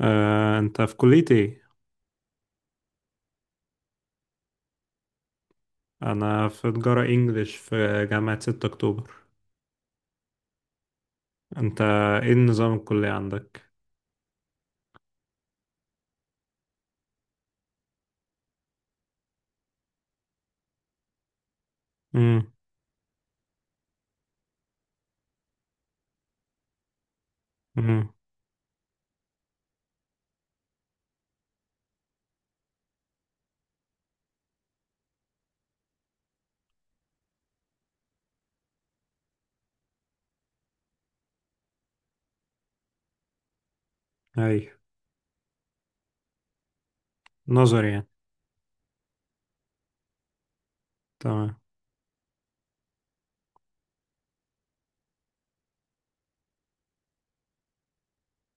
انت في كلية ايه؟ انا في تجارة انجليش في جامعة 6 اكتوبر. انت ايه النظام الكلية عندك؟ امم. امم. اي، نظر يعني. تمام.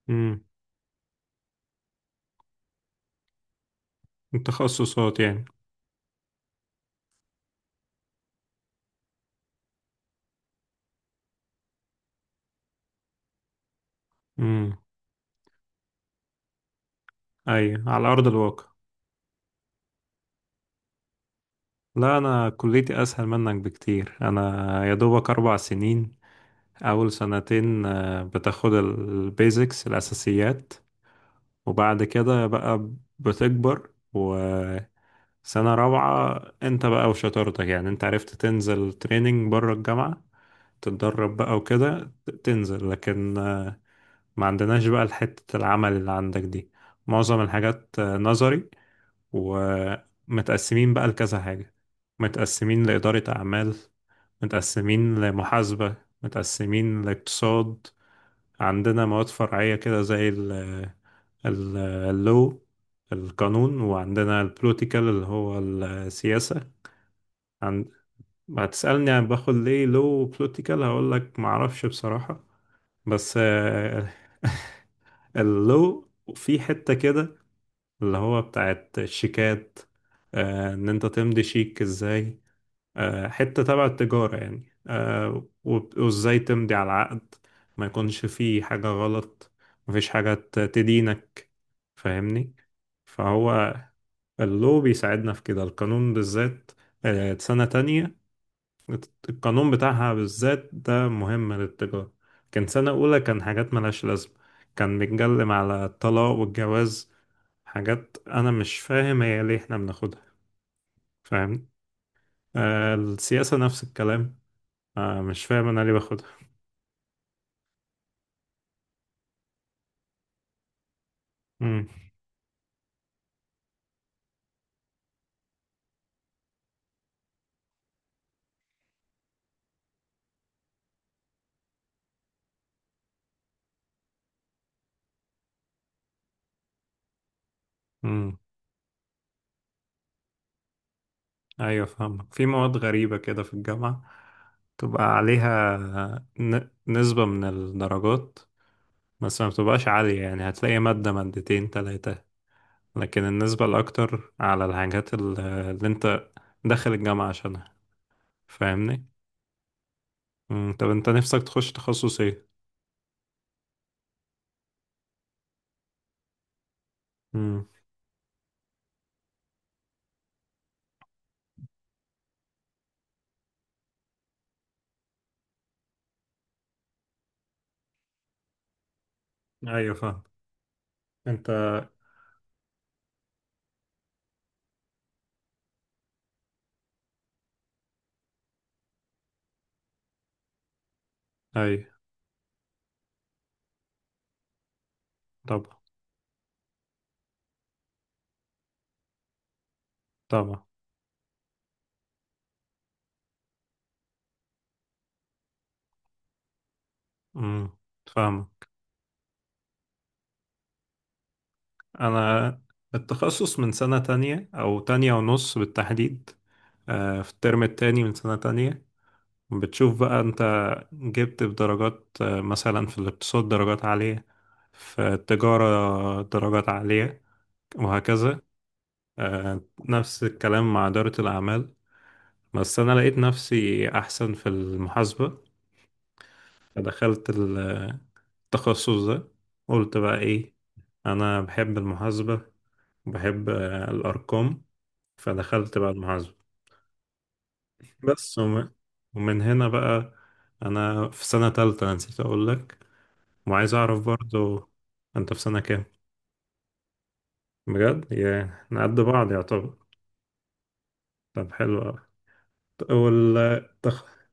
امم. التخصصات يعني. امم. اي، على ارض الواقع. لا انا كليتي اسهل منك بكتير، انا يا دوبك 4 سنين. اول 2 سنين بتاخد البيزكس الاساسيات، وبعد كده بقى بتكبر. سنة 4 انت بقى وشطارتك، يعني انت عرفت تنزل تريننج بره الجامعة، تتدرب بقى وكده تنزل، لكن ما عندناش بقى حتة العمل اللي عندك دي. معظم الحاجات نظري، ومتقسمين بقى لكذا حاجة: متقسمين لإدارة أعمال، متقسمين لمحاسبة، متقسمين لاقتصاد. عندنا مواد فرعية كده زي اللو، القانون، وعندنا البوليتيكال اللي هو السياسة. ما تسألني عن باخد ليه لو بوليتيكال، هقول لك ما اعرفش بصراحة. بس اللو في حتة كده اللي هو بتاعت الشيكات، ان انت تمضي شيك ازاي، حتة تبع التجارة يعني، وازاي تمضي على العقد ما يكونش فيه حاجة غلط، مفيش حاجة تدينك. فاهمني. فهو اللو بيساعدنا في كده، القانون بالذات سنة تانية، القانون بتاعها بالذات ده مهم للتجارة. كان سنة أولى كان حاجات ملهاش لازمة، كان بيتكلم على الطلاق والجواز، حاجات أنا مش فاهم هي ليه إحنا بناخدها. فاهم. آه، السياسة نفس الكلام، آه، مش فاهم أنا ليه باخدها. مم. مم. أيوة فاهمك. في مواد غريبة كده في الجامعة، تبقى عليها نسبة من الدرجات، بس ما بتبقاش عالية، يعني هتلاقي مادة مادتين 3، لكن النسبة الأكتر على الحاجات اللي أنت داخل الجامعة عشانها. فاهمني؟ مم. طب أنت نفسك تخش تخصص إيه؟ مم. أيوة فاهم. أنت. أيوة. طبعا. طبعا. مم. فاهمك. أنا التخصص من سنة 2 أو 2 ونص بالتحديد، في الترم التاني من سنة 2. بتشوف بقى أنت جبت بدرجات، مثلا في الاقتصاد درجات عالية، في التجارة درجات عالية، وهكذا. آه، نفس الكلام مع إدارة الأعمال، بس أنا لقيت نفسي أحسن في المحاسبة فدخلت التخصص ده. قلت بقى إيه، أنا بحب المحاسبة، بحب الأرقام، فدخلت بقى المحاسبة. بس ومن هنا بقى، أنا في سنة 3 نسيت أقول لك، وعايز أعرف برضو أنت في سنة كام. بجد يا نقد بعض يعتبر. طب حلو أوي.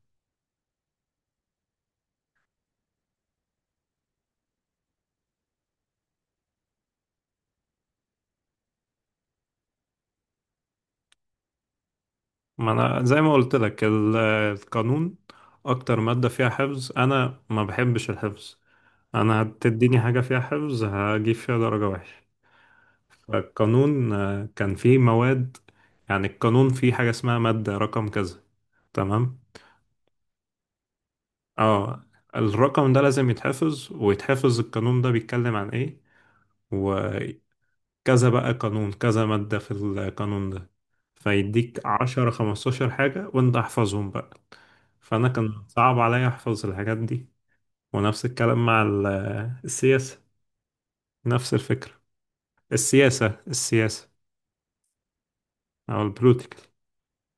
ما انا زي ما قلت لك القانون اكتر مادة فيها حفظ، انا ما بحبش الحفظ، انا هتديني حاجة فيها حفظ هجيب فيها درجة وحشة. فالقانون كان فيه مواد، يعني القانون فيه حاجة اسمها مادة رقم كذا، تمام، اه الرقم ده لازم يتحفظ ويتحفظ، القانون ده بيتكلم عن ايه، و كذا بقى قانون، كذا مادة في القانون ده، فيديك 10 15 حاجة وانت احفظهم بقى. فأنا كان صعب عليا أحفظ الحاجات دي، ونفس الكلام مع السياسة، نفس الفكرة. السياسة السياسة أو البوليتيكال،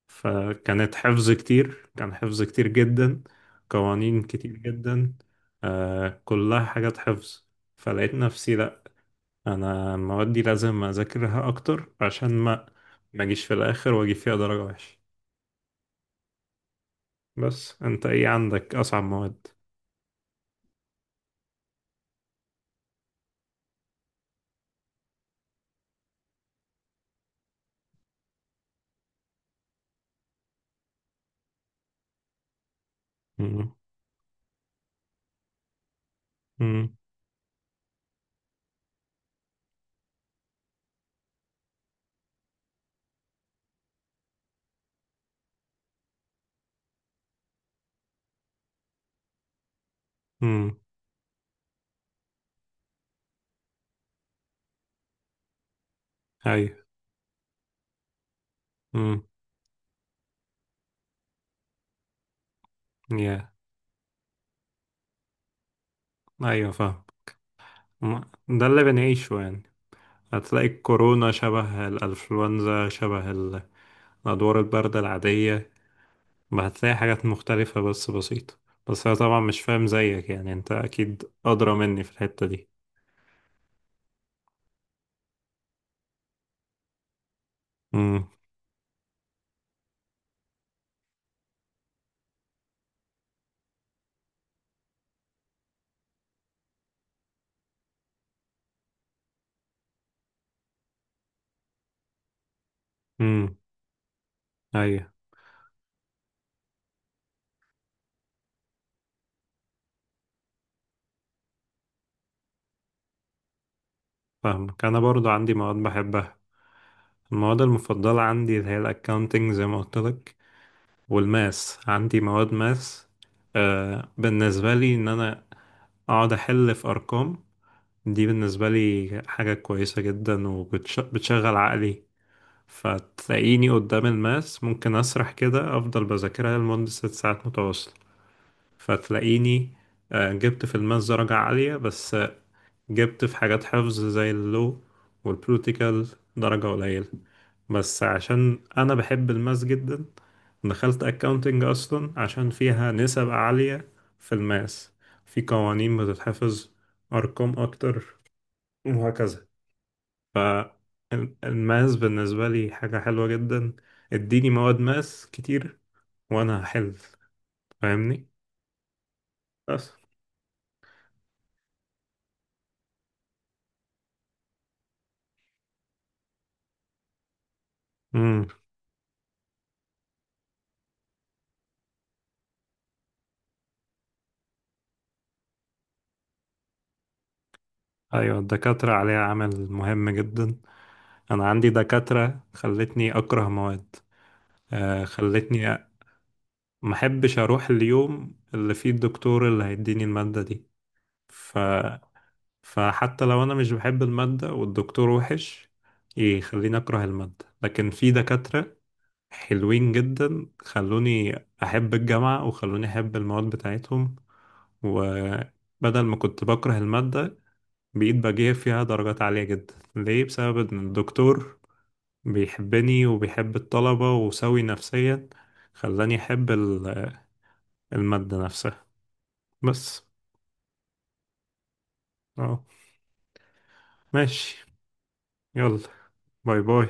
فكانت حفظ كتير، كان حفظ كتير جدا، قوانين كتير جدا، آه كلها حاجات حفظ. فلقيت نفسي لأ، انا المواد دي لازم اذاكرها اكتر عشان ما اجيش في الاخر واجي فيها درجة وحشة. بس انت ايه عندك اصعب مواد؟ امم. امم. امم. ايوه. امم. يا ايوه فاهم. ده اللي بنعيشه يعني، هتلاقي الكورونا شبه الانفلونزا شبه الادوار الباردة العادية، ما هتلاقي حاجات مختلفة بس بسيطة. بس انا طبعا مش فاهم زيك يعني، انت اكيد ادرى مني في الحتة دي. امم. امم. ايوه فاهمك. انا برضو عندي مواد بحبها، المواد المفضلة عندي اللي هي الأكاونتنج زي ما قلت لك، والماس، عندي مواد ماس. آه بالنسبة لي إن أنا أقعد أحل في أرقام، دي بالنسبة لي حاجة كويسة جدا وبتشغل عقلي. فتلاقيني قدام الماس ممكن أسرح كده، أفضل بذاكرها لمدة 6 ساعات متواصلة. فتلاقيني آه جبت في الماس درجة عالية، بس جبت في حاجات حفظ زي اللو والبروتيكال درجة قليلة. بس عشان أنا بحب الماس جدا دخلت أكاونتنج أصلا عشان فيها نسب عالية في الماس، في قوانين بتتحفظ، أرقام أكتر، وهكذا. فالماس بالنسبة لي حاجة حلوة جدا، اديني مواد ماس كتير وأنا هحل. فاهمني؟ بس. مم. أيوة، الدكاترة عليها عمل مهم جدا، انا عندي دكاترة خلتني اكره مواد، خلتني ما احبش اروح اليوم اللي فيه الدكتور اللي هيديني المادة دي. ف... فحتى لو انا مش بحب المادة والدكتور وحش يخليني اكره المادة، لكن في دكاترة حلوين جدا خلوني احب الجامعة وخلوني احب المواد بتاعتهم، وبدل ما كنت بكره المادة بقيت بجيب فيها درجات عالية جدا. ليه؟ بسبب ان الدكتور بيحبني وبيحب الطلبة وسوي نفسيا، خلاني أحب المادة نفسها. بس. اه. ماشي. يلا، باي باي.